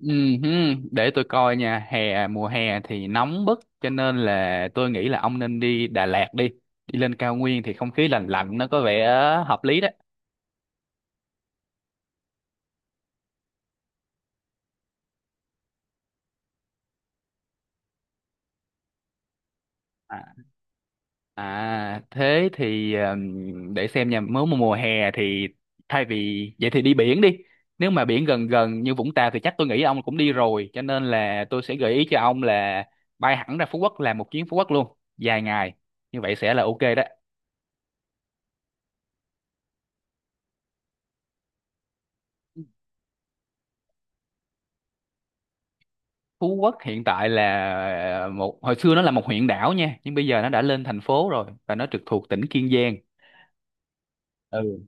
Ừm, Để tôi coi nha, mùa hè thì nóng bức cho nên là tôi nghĩ là ông nên đi Đà Lạt đi. Đi lên cao nguyên thì không khí lành lạnh nó có vẻ hợp lý đấy. À, à, thế thì để xem nha, nếu mà mùa hè thì thay vì vậy thì đi biển đi. Nếu mà biển gần gần như Vũng Tàu thì chắc tôi nghĩ ông cũng đi rồi, cho nên là tôi sẽ gợi ý cho ông là bay hẳn ra Phú Quốc, làm một chuyến Phú Quốc luôn, dài ngày. Như vậy sẽ là ok đó. Phú Quốc hiện tại là một hồi xưa nó là một huyện đảo nha, nhưng bây giờ nó đã lên thành phố rồi và nó trực thuộc tỉnh Kiên Giang. Ừ,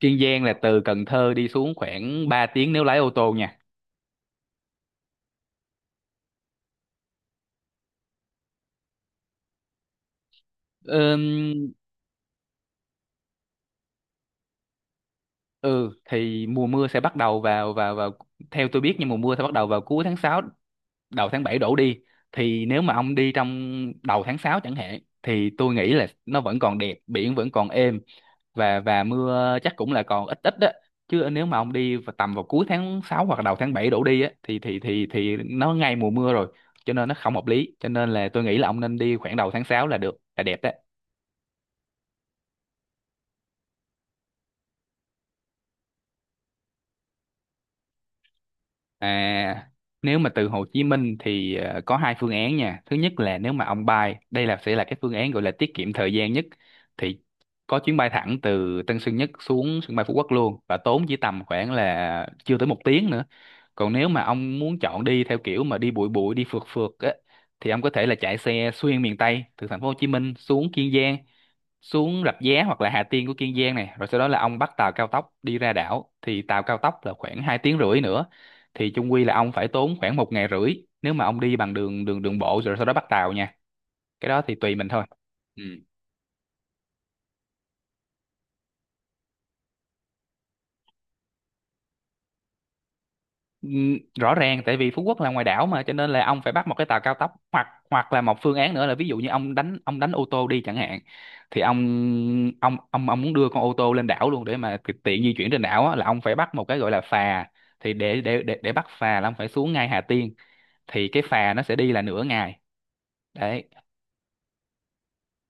Kiên Giang là từ Cần Thơ đi xuống khoảng 3 tiếng nếu lái ô tô nha. Ừm, ừ thì mùa mưa sẽ bắt đầu vào vào vào theo tôi biết, nhưng mùa mưa sẽ bắt đầu vào cuối tháng 6, đầu tháng 7 đổ đi. Thì nếu mà ông đi trong đầu tháng 6 chẳng hạn thì tôi nghĩ là nó vẫn còn đẹp, biển vẫn còn êm, và mưa chắc cũng là còn ít ít đó. Chứ nếu mà ông đi vào tầm, vào cuối tháng 6 hoặc đầu tháng 7 đổ đi á, thì nó ngay mùa mưa rồi, cho nên nó không hợp lý, cho nên là tôi nghĩ là ông nên đi khoảng đầu tháng 6 là được, là đẹp đó. À, nếu mà từ Hồ Chí Minh thì có hai phương án nha. Thứ nhất là nếu mà ông bay, đây là sẽ là cái phương án gọi là tiết kiệm thời gian nhất, thì có chuyến bay thẳng từ Tân Sơn Nhất xuống sân bay Phú Quốc luôn, và tốn chỉ tầm khoảng là chưa tới một tiếng nữa. Còn nếu mà ông muốn chọn đi theo kiểu mà đi bụi bụi, đi phượt phượt á, thì ông có thể là chạy xe xuyên miền Tây từ thành phố Hồ Chí Minh xuống Kiên Giang, xuống Rạch Giá hoặc là Hà Tiên của Kiên Giang này, rồi sau đó là ông bắt tàu cao tốc đi ra đảo, thì tàu cao tốc là khoảng 2 tiếng rưỡi nữa. Thì chung quy là ông phải tốn khoảng một ngày rưỡi nếu mà ông đi bằng đường đường đường bộ rồi sau đó bắt tàu nha. Cái đó thì tùy mình thôi. Ừ. Ừ, rõ ràng tại vì Phú Quốc là ngoài đảo mà, cho nên là ông phải bắt một cái tàu cao tốc. Hoặc hoặc là một phương án nữa là, ví dụ như ông đánh ô tô đi chẳng hạn, thì ông muốn đưa con ô tô lên đảo luôn để mà tiện di chuyển trên đảo á, là ông phải bắt một cái gọi là phà. Thì để bắt phà là ông phải xuống ngay Hà Tiên. Thì cái phà nó sẽ đi là nửa ngày đấy.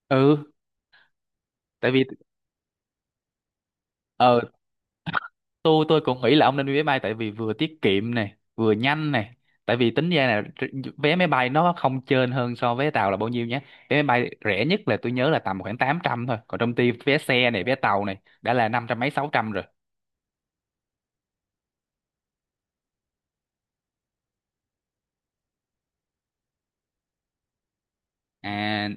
Ừ, tại vì ờ tôi cũng nghĩ là ông nên đi máy bay, tại vì vừa tiết kiệm này vừa nhanh này. Tại vì tính ra là vé máy bay nó không chênh hơn so với tàu là bao nhiêu nhé. Vé máy bay rẻ nhất là tôi nhớ là tầm khoảng 800 thôi, còn trong khi vé xe này, vé tàu này, đã là 500 mấy 600 rồi. À,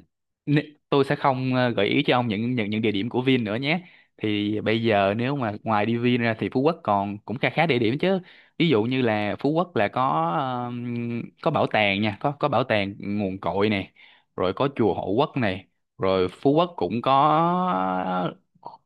tôi sẽ không gợi ý cho ông những địa điểm của Vin nữa nhé. Thì bây giờ nếu mà ngoài đi Vin ra thì Phú Quốc còn cũng khá khá địa điểm chứ. Ví dụ như là Phú Quốc là có bảo tàng nha, có bảo tàng nguồn cội này, rồi có chùa Hộ Quốc này, rồi Phú Quốc cũng có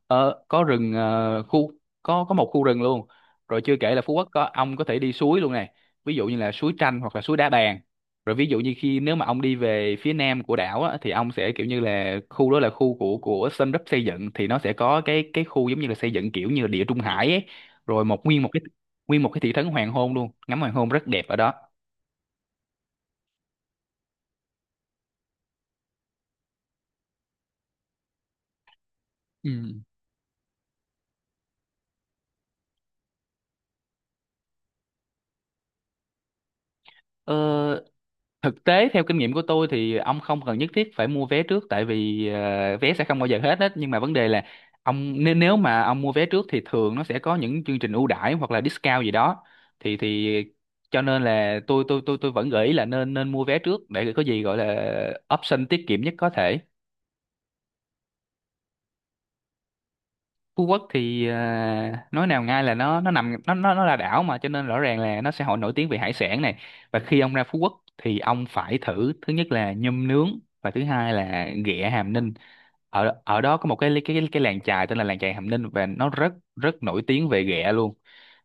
ờ, có rừng ờ, khu có một khu rừng luôn. Rồi chưa kể là Phú Quốc có, ông có thể đi suối luôn này. Ví dụ như là suối Tranh hoặc là suối Đá Bàn. Rồi ví dụ như khi, nếu mà ông đi về phía nam của đảo á, thì ông sẽ kiểu như là, khu đó là khu của Sun Group xây dựng, thì nó sẽ có cái khu giống như là xây dựng kiểu như là địa trung hải ấy, rồi một nguyên một cái thị trấn hoàng hôn luôn, ngắm hoàng hôn rất đẹp ở đó. Ừ. Ờ, thực tế theo kinh nghiệm của tôi thì ông không cần nhất thiết phải mua vé trước, tại vì vé sẽ không bao giờ hết hết. Nhưng mà vấn đề là ông, nếu nếu mà ông mua vé trước thì thường nó sẽ có những chương trình ưu đãi hoặc là discount gì đó. Thì cho nên là tôi vẫn gợi ý là nên nên mua vé trước để có gì gọi là option tiết kiệm nhất có thể. Phú Quốc thì nói nào ngay là nó nằm nó là đảo mà, cho nên rõ ràng là nó sẽ hội nổi tiếng về hải sản này. Và khi ông ra Phú Quốc thì ông phải thử, thứ nhất là nhum nướng và thứ hai là ghẹ Hàm Ninh. Ở ở đó có một cái làng chài tên là làng chài Hàm Ninh, và nó rất rất nổi tiếng về ghẹ luôn.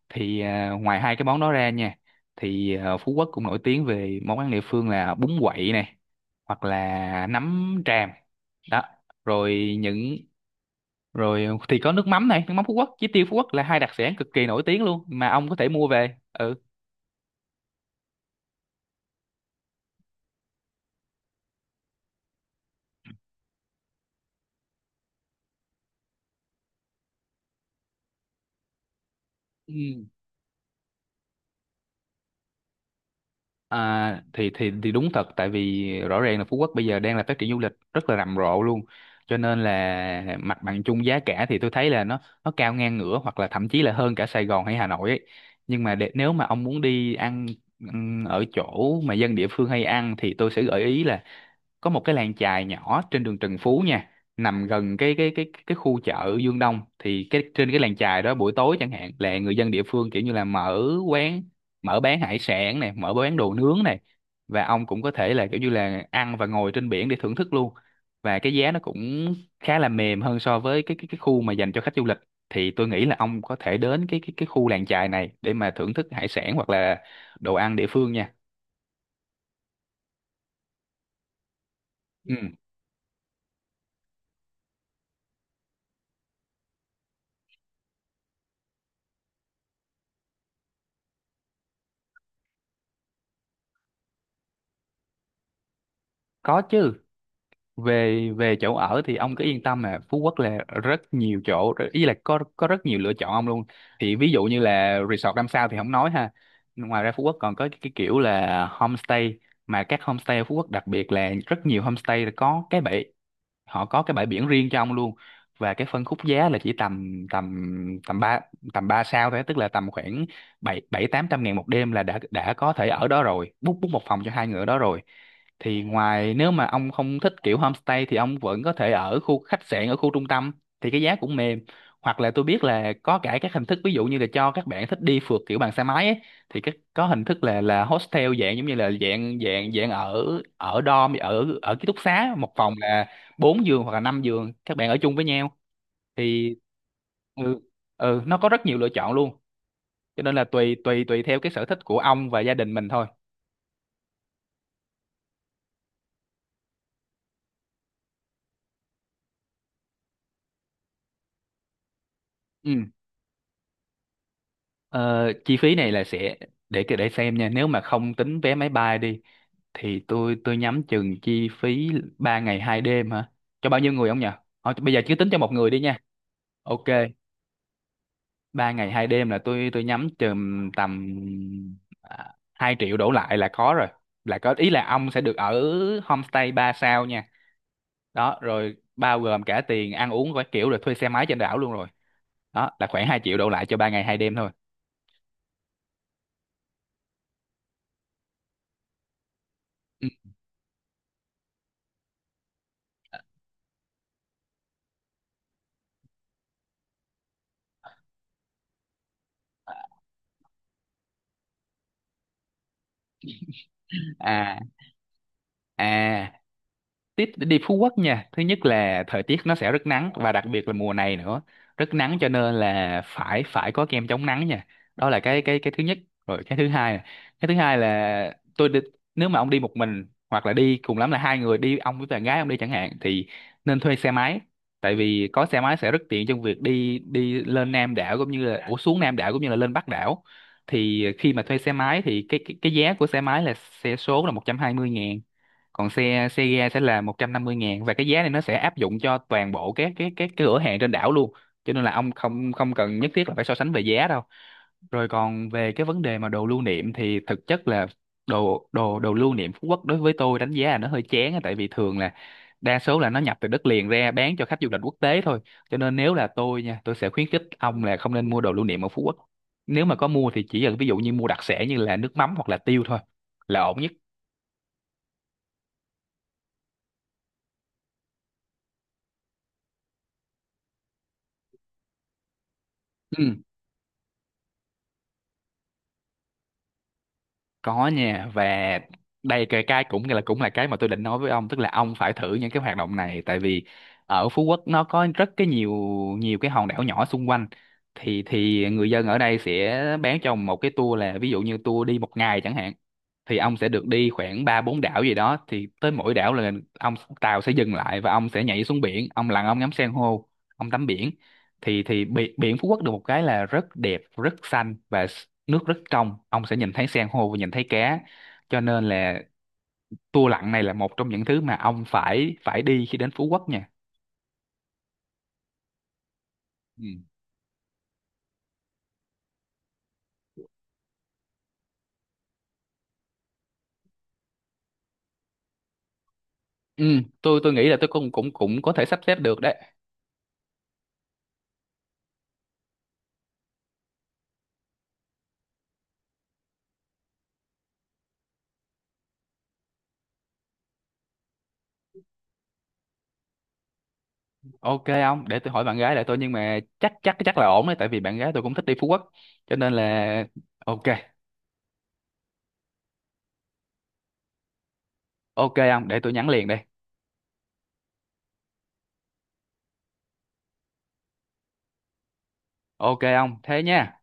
Thì ngoài hai cái món đó ra nha, thì Phú Quốc cũng nổi tiếng về món ăn địa phương là bún quậy này, hoặc là nấm tràm đó. Rồi những, rồi thì có nước mắm này, nước mắm Phú Quốc với tiêu Phú Quốc là hai đặc sản cực kỳ nổi tiếng luôn mà ông có thể mua về. Ừ. Ừ. À, thì đúng thật, tại vì rõ ràng là Phú Quốc bây giờ đang là phát triển du lịch rất là rầm rộ luôn, cho nên là mặt bằng chung giá cả thì tôi thấy là nó cao ngang ngửa hoặc là thậm chí là hơn cả Sài Gòn hay Hà Nội ấy. Nhưng mà, để, nếu mà ông muốn đi ăn ở chỗ mà dân địa phương hay ăn, thì tôi sẽ gợi ý là có một cái làng chài nhỏ trên đường Trần Phú nha, nằm gần cái khu chợ Dương Đông. Thì cái, trên cái làng chài đó buổi tối chẳng hạn, là người dân địa phương kiểu như là mở quán, mở bán hải sản này, mở bán đồ nướng này. Và ông cũng có thể là kiểu như là ăn và ngồi trên biển để thưởng thức luôn. Và cái giá nó cũng khá là mềm hơn so với cái khu mà dành cho khách du lịch. Thì tôi nghĩ là ông có thể đến cái khu làng chài này để mà thưởng thức hải sản hoặc là đồ ăn địa phương nha. Ừ. Có chứ. Về về chỗ ở thì ông cứ yên tâm là Phú Quốc là rất nhiều chỗ, ý là có rất nhiều lựa chọn ông luôn. Thì ví dụ như là resort 5 sao thì không nói ha. Ngoài ra Phú Quốc còn có cái kiểu là homestay, mà các homestay ở Phú Quốc đặc biệt là rất nhiều homestay có cái bể, họ có cái bãi biển riêng cho ông luôn. Và cái phân khúc giá là chỉ tầm tầm tầm ba tầm 3 sao thôi, tức là tầm khoảng bảy bảy 800 nghìn một đêm là đã có thể ở đó rồi, book book một phòng cho hai người ở đó rồi. Thì ngoài, nếu mà ông không thích kiểu homestay thì ông vẫn có thể ở khu khách sạn, ở khu trung tâm thì cái giá cũng mềm. Hoặc là tôi biết là có cả các hình thức, ví dụ như là cho các bạn thích đi phượt kiểu bằng xe máy ấy, thì cái có hình thức là hostel, dạng giống như là dạng dạng dạng ở ở dorm, ở ở ký túc xá, một phòng là 4 giường hoặc là 5 giường, các bạn ở chung với nhau. Thì ừ, ừ nó có rất nhiều lựa chọn luôn, cho nên là tùy tùy tùy theo cái sở thích của ông và gia đình mình thôi. Ừ. Ờ, chi phí này là sẽ để xem nha. Nếu mà không tính vé máy bay đi thì tôi nhắm chừng chi phí 3 ngày 2 đêm hả, cho bao nhiêu người ông nhỉ? Ờ, bây giờ cứ tính cho một người đi nha. Ok, 3 ngày 2 đêm là tôi nhắm chừng tầm à, 2 triệu đổ lại là có rồi, là có ý là ông sẽ được ở homestay 3 sao nha. Đó rồi bao gồm cả tiền ăn uống và kiểu rồi thuê xe máy trên đảo luôn rồi. Đó là khoảng 2 triệu đổ lại cho 3 ngày 2 đêm thôi. Ừ. à à, Tít đi Phú Quốc nha. Thứ nhất là thời tiết nó sẽ rất nắng và đặc biệt là mùa này nữa. Rất nắng cho nên là phải phải có kem chống nắng nha. Đó là cái thứ nhất. Rồi cái thứ hai này. Cái thứ hai là tôi đi, nếu mà ông đi một mình hoặc là đi cùng lắm là hai người, đi ông với bạn gái ông đi chẳng hạn, thì nên thuê xe máy. Tại vì có xe máy sẽ rất tiện trong việc đi đi lên Nam đảo cũng như là ủa xuống Nam đảo cũng như là lên Bắc đảo. Thì khi mà thuê xe máy thì cái giá của xe máy là xe số là 120.000, còn xe xe ga sẽ là 150.000, và cái giá này nó sẽ áp dụng cho toàn bộ các cái cửa hàng trên đảo luôn. Cho nên là ông không không cần nhất thiết là phải so sánh về giá đâu. Rồi còn về cái vấn đề mà đồ lưu niệm thì thực chất là đồ đồ đồ lưu niệm Phú Quốc đối với tôi đánh giá là nó hơi chán á, tại vì thường là đa số là nó nhập từ đất liền ra bán cho khách du lịch quốc tế thôi. Cho nên nếu là tôi nha, tôi sẽ khuyến khích ông là không nên mua đồ lưu niệm ở Phú Quốc. Nếu mà có mua thì chỉ là ví dụ như mua đặc sản như là nước mắm hoặc là tiêu thôi, là ổn nhất. Ừ. Có nha. Và đây cái cũng là cái mà tôi định nói với ông, tức là ông phải thử những cái hoạt động này. Tại vì ở Phú Quốc nó có rất cái nhiều nhiều cái hòn đảo nhỏ xung quanh, thì người dân ở đây sẽ bán cho ông một cái tour, là ví dụ như tour đi một ngày chẳng hạn, thì ông sẽ được đi khoảng ba bốn đảo gì đó. Thì tới mỗi đảo là ông, tàu sẽ dừng lại và ông sẽ nhảy xuống biển, ông lặn ông ngắm san hô, ông tắm biển. Thì biển Phú Quốc được một cái là rất đẹp, rất xanh và nước rất trong, ông sẽ nhìn thấy san hô và nhìn thấy cá. Cho nên là tour lặn này là một trong những thứ mà ông phải phải đi khi đến Phú Quốc nha. Ừ. Ừ, tôi nghĩ là tôi cũng cũng cũng có thể sắp xếp được đấy. Ok, ông để tôi hỏi bạn gái lại tôi, nhưng mà chắc chắc chắc là ổn đấy, tại vì bạn gái tôi cũng thích đi Phú Quốc cho nên là ok. Ok, ông để tôi nhắn liền đây. Ok ông thế nha.